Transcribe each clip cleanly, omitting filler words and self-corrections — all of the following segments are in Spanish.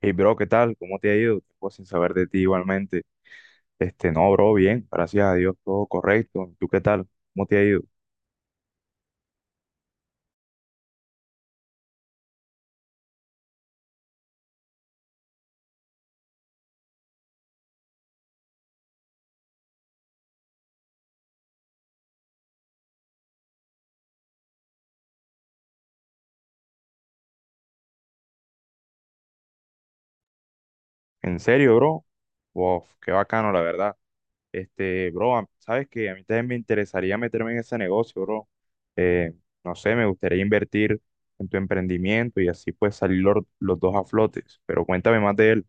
Hey, bro, ¿qué tal? ¿Cómo te ha ido? Tiempo sin saber de ti igualmente. No, bro, bien, gracias a Dios, todo correcto. ¿Tú qué tal? ¿Cómo te ha ido? ¿En serio, bro? Wow, qué bacano, la verdad. Bro, sabes que a mí también me interesaría meterme en ese negocio, bro. Eh, no sé, me gustaría invertir en tu emprendimiento y así pues salir los dos a flotes. Pero cuéntame más de él.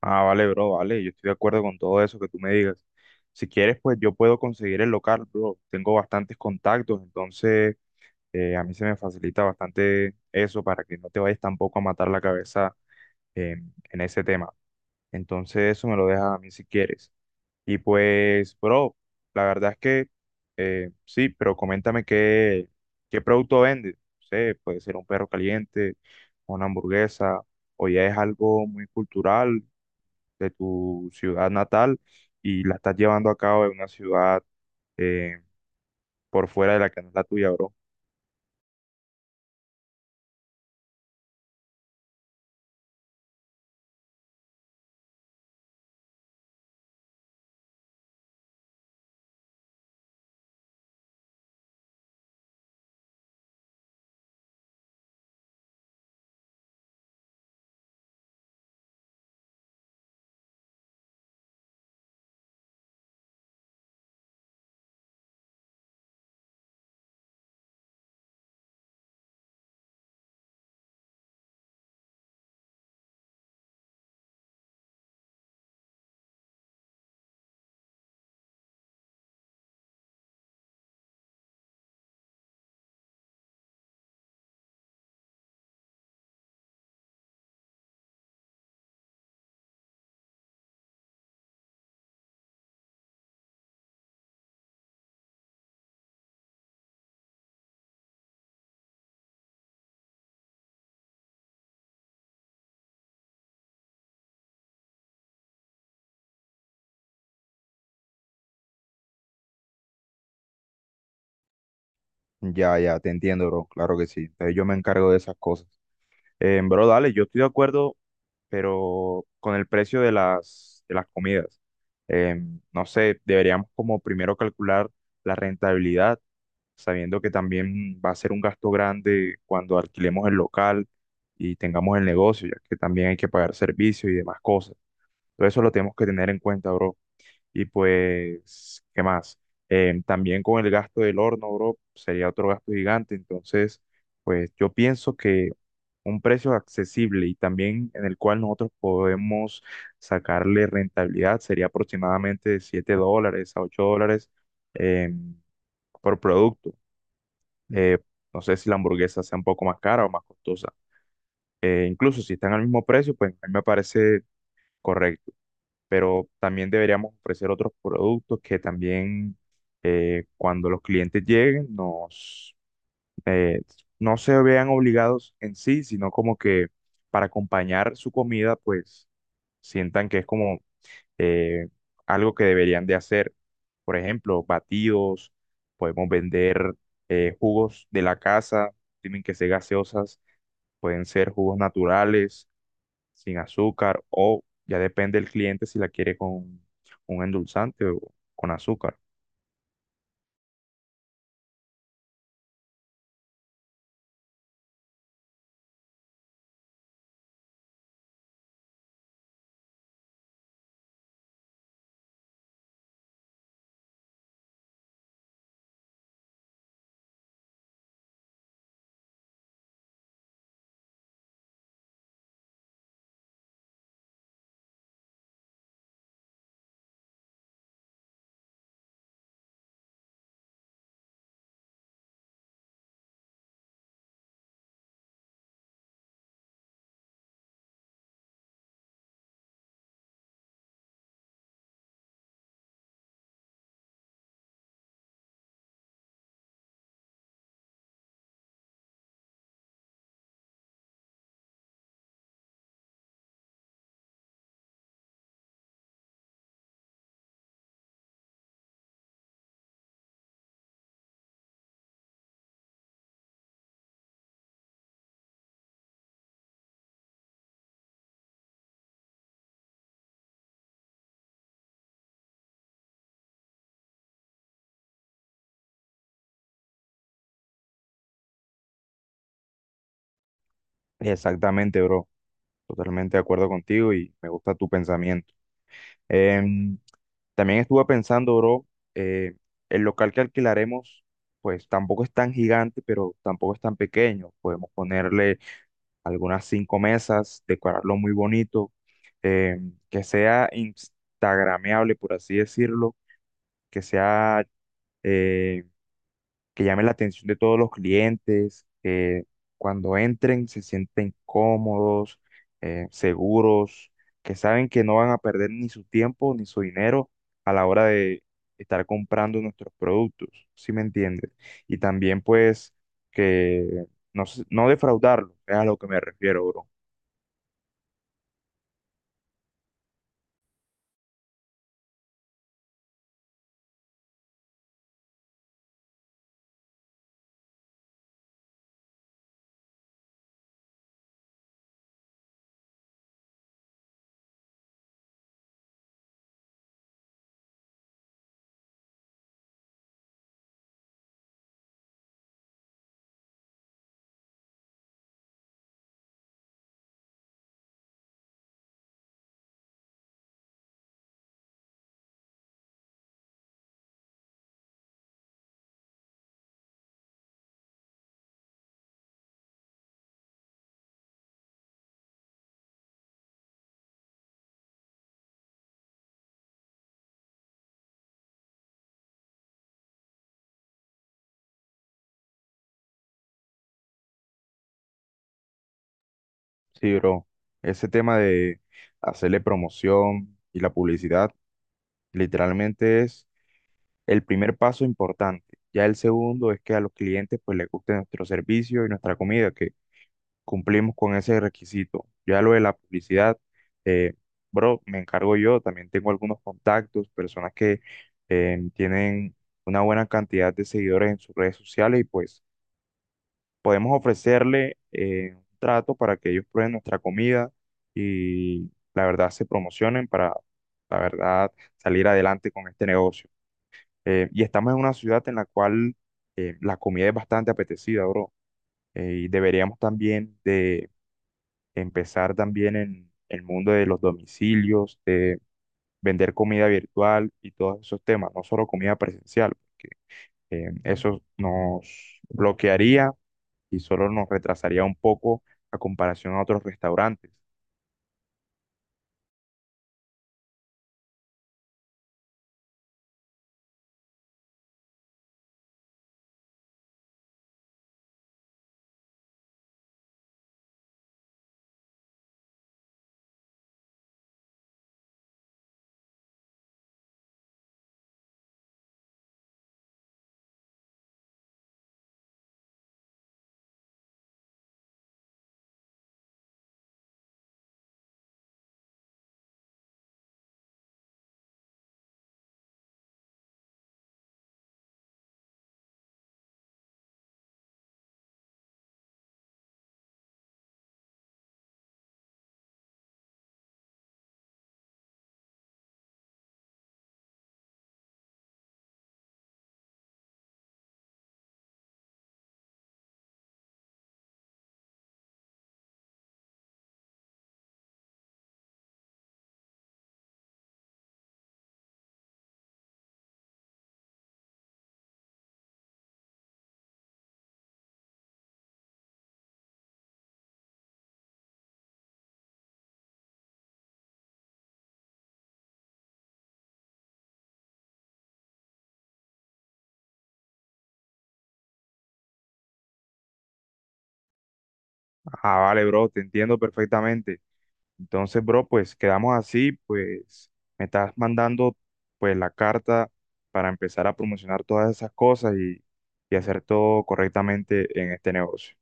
Ah, vale, bro, vale, yo estoy de acuerdo con todo eso que tú me digas. Si quieres, pues yo puedo conseguir el local, bro. Tengo bastantes contactos, entonces a mí se me facilita bastante eso para que no te vayas tampoco a matar la cabeza en ese tema. Entonces eso me lo dejas a mí si quieres. Y pues, bro, la verdad es que sí, pero qué producto vendes. No sé, puede ser un perro caliente, una hamburguesa, o ya es algo muy cultural de tu ciudad natal y la estás llevando a cabo en una ciudad, eh, por fuera de la que no es la tuya, bro. Ya, ya, te entiendo, bro. Claro que sí. Entonces yo me encargo de esas cosas. Bro, dale, yo estoy de acuerdo, pero con el precio de las comidas. Eh, no sé, deberíamos como primero calcular la rentabilidad, sabiendo que también va a ser un gasto grande cuando alquilemos el local y tengamos el negocio, ya que también hay que pagar servicios y demás cosas. Todo eso lo tenemos que tener en cuenta, bro. Y pues, ¿qué más? También con el gasto del horno, bro, sería otro gasto gigante. Entonces, pues yo pienso que un precio accesible y también en el cual nosotros podemos sacarle rentabilidad sería aproximadamente de $7 a $8 em, por producto. Eh, no sé si la hamburguesa sea un poco más cara o más costosa. Incluso si están al mismo precio, pues a mí me parece correcto, pero también deberíamos ofrecer otros productos que también, cuando los clientes lleguen eh, no se vean obligados en sí, sino como que para acompañar su comida, pues sientan que es como, eh, algo que deberían de hacer. Por ejemplo, batidos, podemos vender, jugos de la casa, tienen que ser gaseosas, pueden ser jugos naturales sin azúcar o ya depende del cliente si la quiere con un endulzante o con azúcar. Exactamente, bro. Totalmente de acuerdo contigo y me gusta tu pensamiento. Em, También estuve pensando, bro, eh, el local que alquilaremos, pues tampoco es tan gigante, pero tampoco es tan pequeño. Podemos ponerle algunas 5 mesas, decorarlo muy bonito, que sea instagrameable, por así decirlo, que sea... em, que llame la atención de todos los clientes, que cuando entren se sienten cómodos, seguros, que saben que no van a perder ni su tiempo ni su dinero a la hora de estar comprando nuestros productos, ¿sí me entiendes? Y también pues que no defraudarlo, es a lo que me refiero, bro. Sí, bro. Ese tema de hacerle promoción y la publicidad literalmente es el primer paso importante. Ya el segundo es que a los clientes pues les guste nuestro servicio y nuestra comida, que cumplimos con ese requisito. Ya lo de la publicidad, eh, bro, me encargo yo, también tengo algunos contactos, personas que, tienen una buena cantidad de seguidores en sus redes sociales y pues podemos ofrecerle, un trato para que ellos prueben nuestra comida y la verdad se promocionen para, la verdad, salir adelante con este negocio. Y estamos en una ciudad en la cual, la comida es bastante apetecida, bro. Y deberíamos también de empezar también en el mundo de los domicilios, de vender comida virtual y todos esos temas, no solo comida presencial, porque, eso nos bloquearía y solo nos retrasaría un poco a comparación a otros restaurantes. Ah, vale, bro, te entiendo perfectamente. Entonces, bro, pues quedamos así, pues me estás mandando pues la carta para empezar a promocionar todas esas cosas y hacer todo correctamente en este negocio.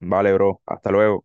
Vale, bro, hasta luego.